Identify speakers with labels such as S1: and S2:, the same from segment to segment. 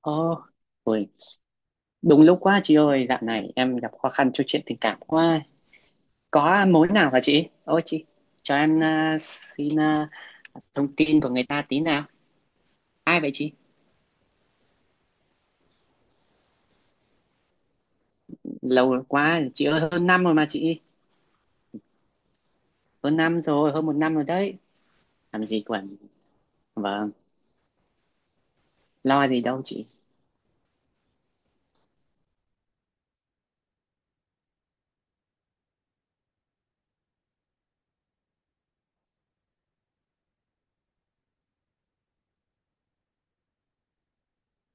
S1: Ồ, ôi, đúng lúc quá chị ơi, dạo này em gặp khó khăn trong chuyện tình cảm quá. Có mối nào hả chị? Ôi chị, cho em xin thông tin của người ta tí nào. Ai vậy chị? Lâu quá, chị ơi, hơn năm rồi mà chị. Hơn năm rồi, hơn một năm rồi đấy. Làm gì còn, vâng, lo gì đâu chị.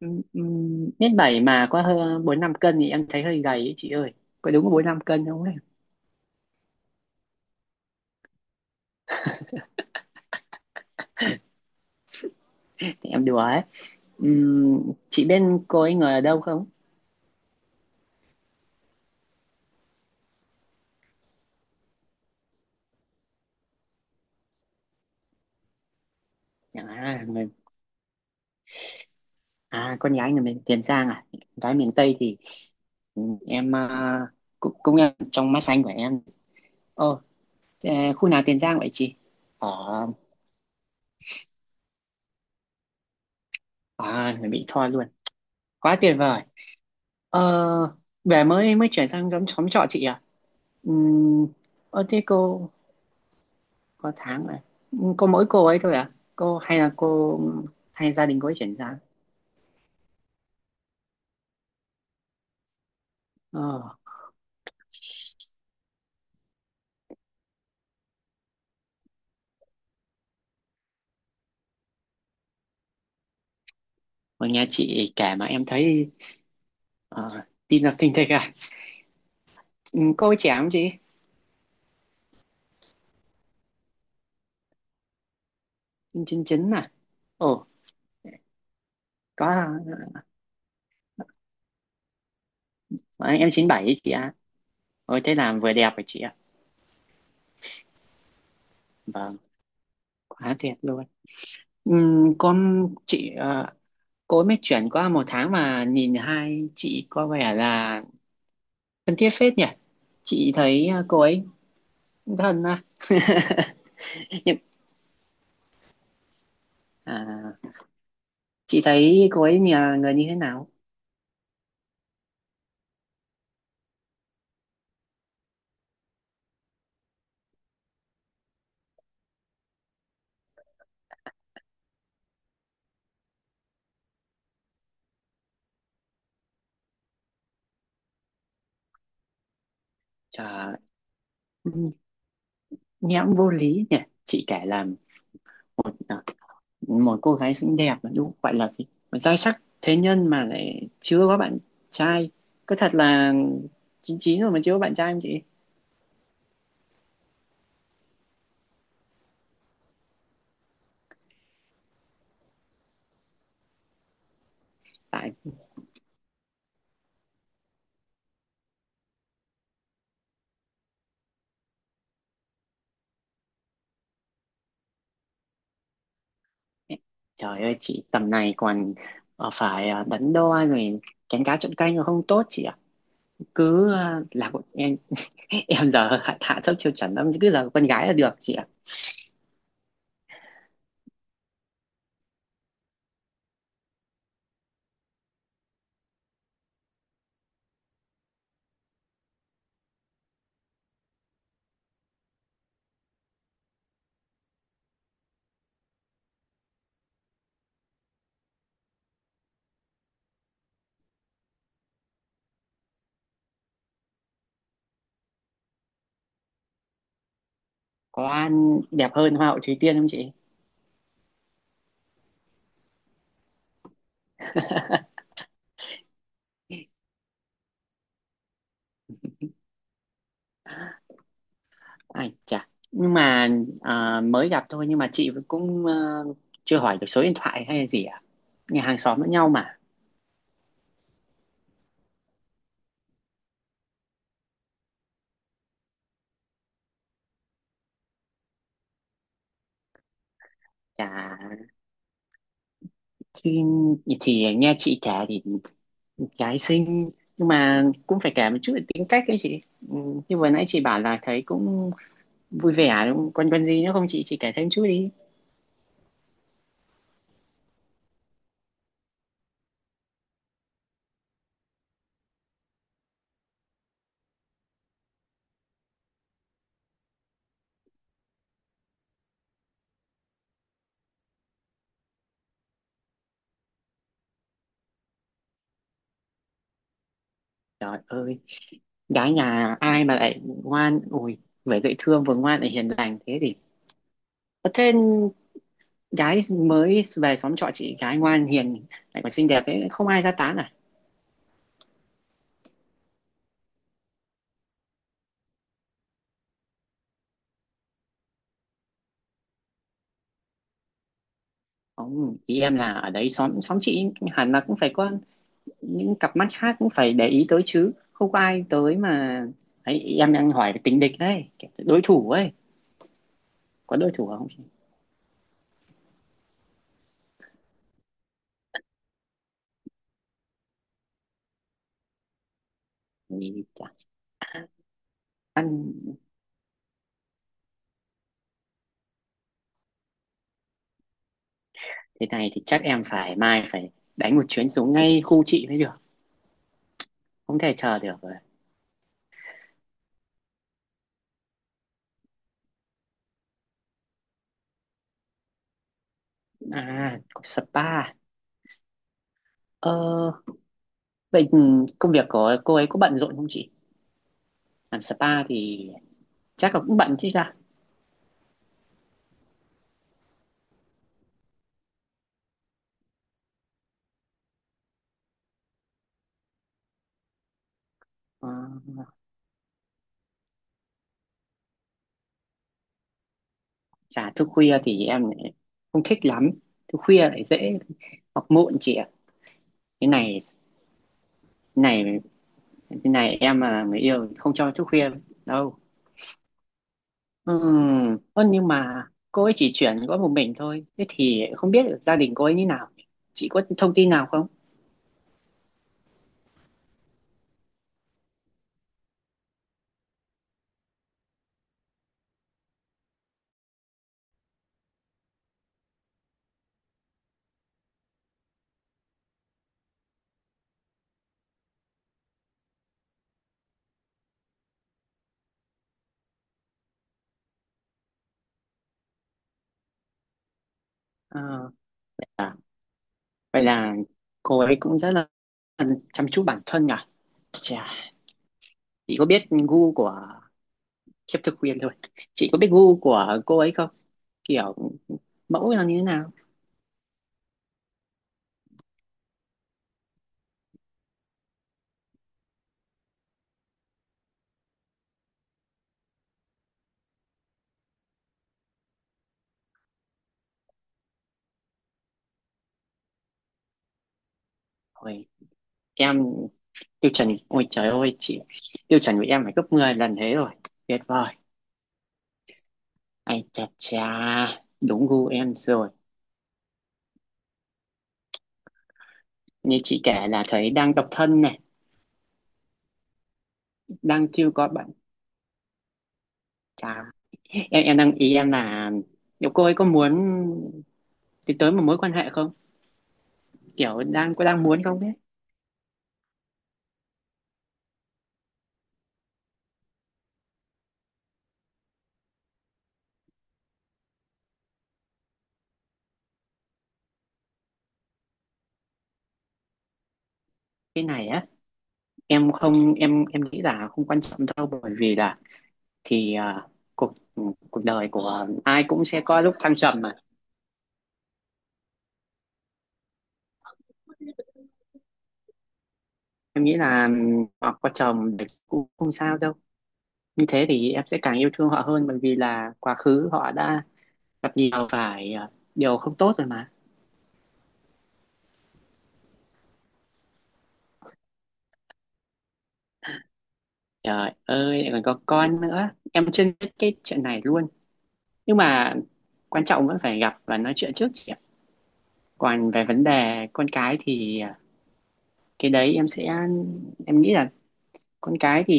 S1: Mét bảy mà có hơn bốn năm cân thì em thấy hơi gầy ấy chị ơi. Có đúng bốn năm cân không ấy? Thì em đùa ấy. Chị bên cô ấy người ở đâu không? À, người À, con gái người miền Tiền Giang à? Gái miền Tây thì ừ, em cũng cũng em trong mắt xanh của em. Ồ, thế khu nào Tiền Giang vậy chị? Ở À, người Mỹ Tho luôn. Quá tuyệt vời. Ờ, về mới mới chuyển sang giống xóm trọ chị à? Ừm, thế cô có tháng rồi. Cô mỗi cô ấy thôi à? Cô hay là cô hay gia đình cô ấy chuyển sang? Ờ, mà nghe chị kể mà em thấy ờ, tim đập thình thịch à? Cô ấy trẻ không chị? Chín chín chín à? Ồ. có à, Đấy, em 97 ấy chị ạ. Ôi thế là vừa đẹp rồi chị ạ. Vâng, quá tuyệt luôn. Ừm, con chị ờ, cô ấy mới chuyển qua một tháng mà nhìn hai chị có vẻ là thân thiết phết nhỉ. Chị thấy cô ấy thân à. Nhưng à, chị thấy cô ấy nhà người như thế nào? Trời ơi, ừm, nghe cũng vô lý nhỉ. Chị kể làm ờ, một cô gái xinh đẹp là đúng gọi là gì, mà giai sắc thế nhân mà lại chưa có bạn trai. Có thật là chín chín rồi mà chưa có bạn trai không chị? tại Trời ơi chị tầm này còn phải đắn đo rồi, kén cá chọn canh rồi không tốt chị ạ. Cứ là một em. Em giờ hạ thấp tiêu chuẩn lắm, cứ là con gái là được chị ạ. Có ăn đẹp hơn hoa hậu Thúy Tiên không chị? Ai chà, nhưng mà mới gặp thôi, nhưng mà chị cũng chưa hỏi được số điện thoại hay là gì à? Nhà hàng xóm lẫn nhau mà. Chà, thì, thì nghe chị kể thì gái xinh, nhưng mà cũng phải kể một chút về tính cách ấy chị. Ừ, như vừa nãy chị bảo là thấy cũng vui vẻ đúng không? Còn còn gì nữa không chị? Chị kể thêm chút đi. Trời ơi, gái nhà ai mà lại ngoan, ui, vừa dễ thương vừa ngoan lại hiền lành thế thì. Thế gái mới về xóm trọ chị, gái ngoan hiền lại còn xinh đẹp ấy, không ai ra tán à? Không, ý em là ở đấy xóm xóm chị hẳn là cũng phải có những cặp mắt khác cũng phải để ý tới chứ, không có ai tới mà. Ấy, em đang hỏi về tình địch đấy, đối thủ ấy. Có đối thủ không? Thì ăn thế này thì chắc em phải mai phải đánh một chuyến xuống ngay khu chị mới được, không thể chờ được rồi. À, có spa. ờ Vậy công việc của cô ấy có bận rộn không chị? Làm spa thì chắc là cũng bận chứ sao. Ờ, Chả thức khuya thì em lại không thích lắm, thức khuya lại dễ học muộn chị ạ. Cái này cái này cái này em mà người yêu thì không cho thức khuya đâu. Ơ nhưng mà cô ấy chỉ chuyển có một mình thôi, thế thì không biết được gia đình cô ấy như nào. Chị có thông tin nào không? Ờ, À, vậy là cô ấy cũng rất là chăm chút bản thân nhỉ. Chà, chị có biết gu của khiếp thực quyền thôi, chị có biết gu của cô ấy không, kiểu mẫu là như thế nào? Ôi em tiêu chuẩn, ôi trời ơi chị, tiêu chuẩn của em phải gấp 10 lần thế rồi. Tuyệt vời, ai chà chà, đúng gu em rồi. Như chị kể là thấy đang độc thân này, đang chưa có bạn. Chà, em đang ý em là liệu cô ấy có muốn tiến tới một mối quan hệ không, kiểu đang có đang muốn không ấy. Cái này á, em không em em nghĩ là không quan trọng đâu, bởi vì là thì cuộc cuộc đời của ai cũng sẽ có lúc thăng trầm mà. Em nghĩ là họ có chồng thì cũng không sao đâu, như thế thì em sẽ càng yêu thương họ hơn, bởi vì là quá khứ họ đã gặp nhiều phải điều không tốt rồi mà. Trời ơi, lại còn có con nữa, em chưa biết cái chuyện này luôn. Nhưng mà quan trọng vẫn phải gặp và nói chuyện trước chị ạ. Còn về vấn đề con cái thì cái đấy em sẽ, em nghĩ là con cái thì,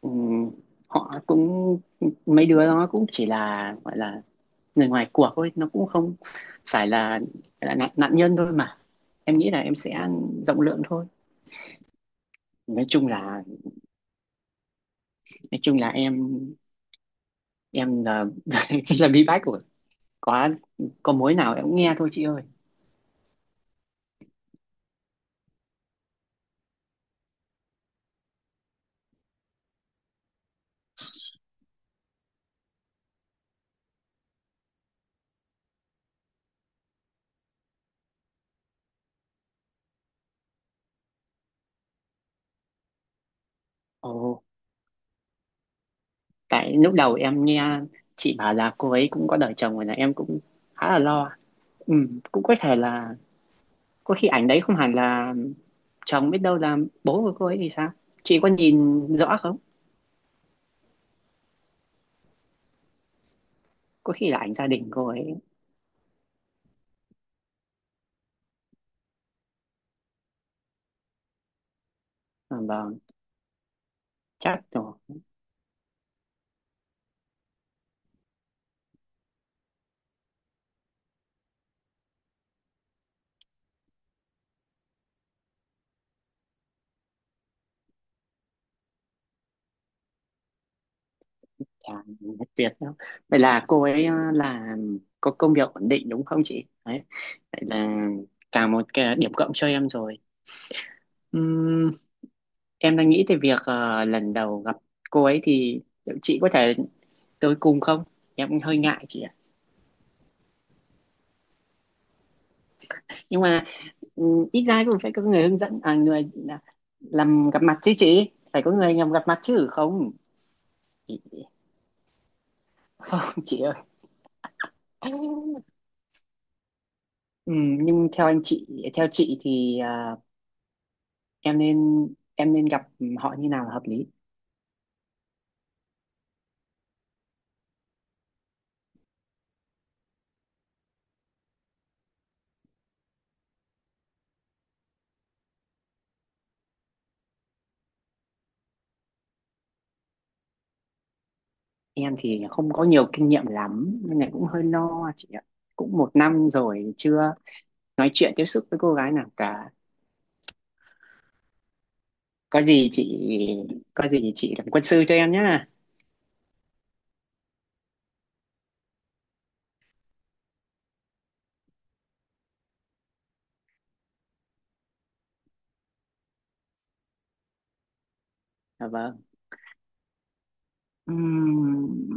S1: ừ, họ cũng, mấy đứa nó cũng chỉ là gọi là người ngoài cuộc thôi, nó cũng không phải là nạn nhân thôi mà. Em nghĩ là em sẽ rộng lượng thôi. Nói chung là, nói chung là em là chỉ là bí bách của, có có mối nào em cũng nghe thôi chị ơi. Ồ, tại lúc đầu em nghe chị bảo là cô ấy cũng có đời chồng rồi là em cũng khá là lo. Ừ, cũng có thể là có khi ảnh đấy không hẳn là chồng, biết đâu là bố của cô ấy thì sao. Chị có nhìn rõ không? Có khi là ảnh gia đình cô ấy. À, vâng. Chắc rồi. Chà, nhất tuyệt đâu, vậy là cô ấy là có công việc ổn định đúng không chị đấy. Vậy là cả một cái điểm cộng cho em rồi. Ừm, em đang nghĩ về việc lần đầu gặp cô ấy thì liệu chị có thể tới cùng không, em cũng hơi ngại chị ạ. Nhưng mà ít ra cũng phải có người hướng dẫn, người làm gặp mặt chứ, chị phải có người làm gặp mặt chứ không. Không chị ơi. Ừ, nhưng theo anh chị, theo chị thì em nên, em nên gặp họ như nào là hợp lý? Em thì không có nhiều kinh nghiệm lắm nên này cũng hơi lo chị ạ. Cũng một năm rồi chưa nói chuyện tiếp xúc với cô gái nào cả. có gì chị có gì chị làm quân sư cho em nhá. Dạ vâng. Ừm,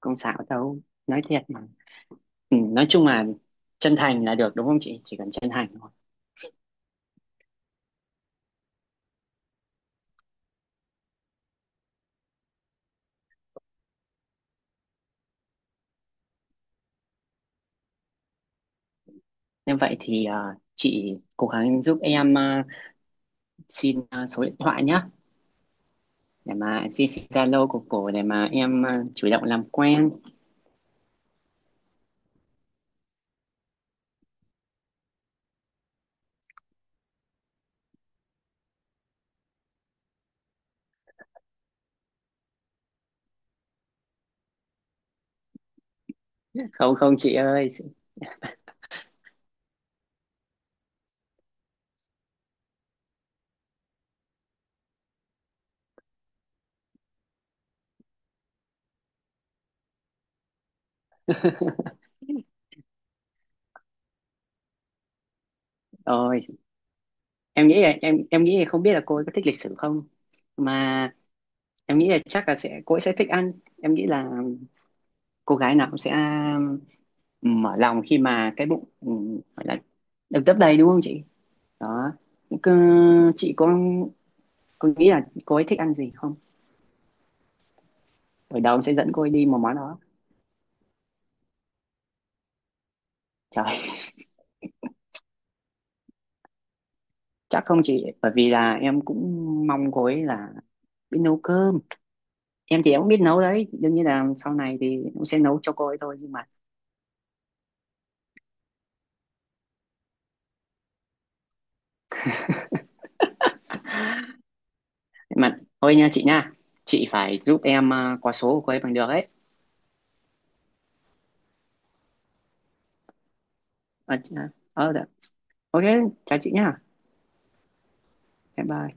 S1: không xạo đâu, nói thiệt mà. Ừ, nói chung là chân thành là được đúng không chị, chỉ cần chân thành thôi. Nên vậy thì chị cố gắng giúp em xin số điện thoại nhá, để mà chị xin Zalo của cổ để mà em chủ động làm quen. Không không chị ơi. Rồi em nghĩ là, em nghĩ là không biết là cô ấy có thích lịch sử không, mà em nghĩ là chắc là sẽ cô ấy sẽ thích ăn. Em nghĩ là cô gái nào cũng sẽ um, mở lòng khi mà cái bụng, gọi là được lấp đầy đúng không chị. Đó. Cứ, chị có nghĩ là cô ấy thích ăn gì không, ở đầu em sẽ dẫn cô ấy đi một món đó. Trời, chắc không chị, bởi vì là em cũng mong cô ấy là biết nấu cơm. Em thì em cũng biết nấu đấy, đương nhiên là sau này thì cũng sẽ nấu cho cô ấy thôi. Nhưng mà thôi nha, chị phải giúp em qua số của cô ấy bằng được ấy. À, chị, dạ. Ok, chào chị nha, bye bye.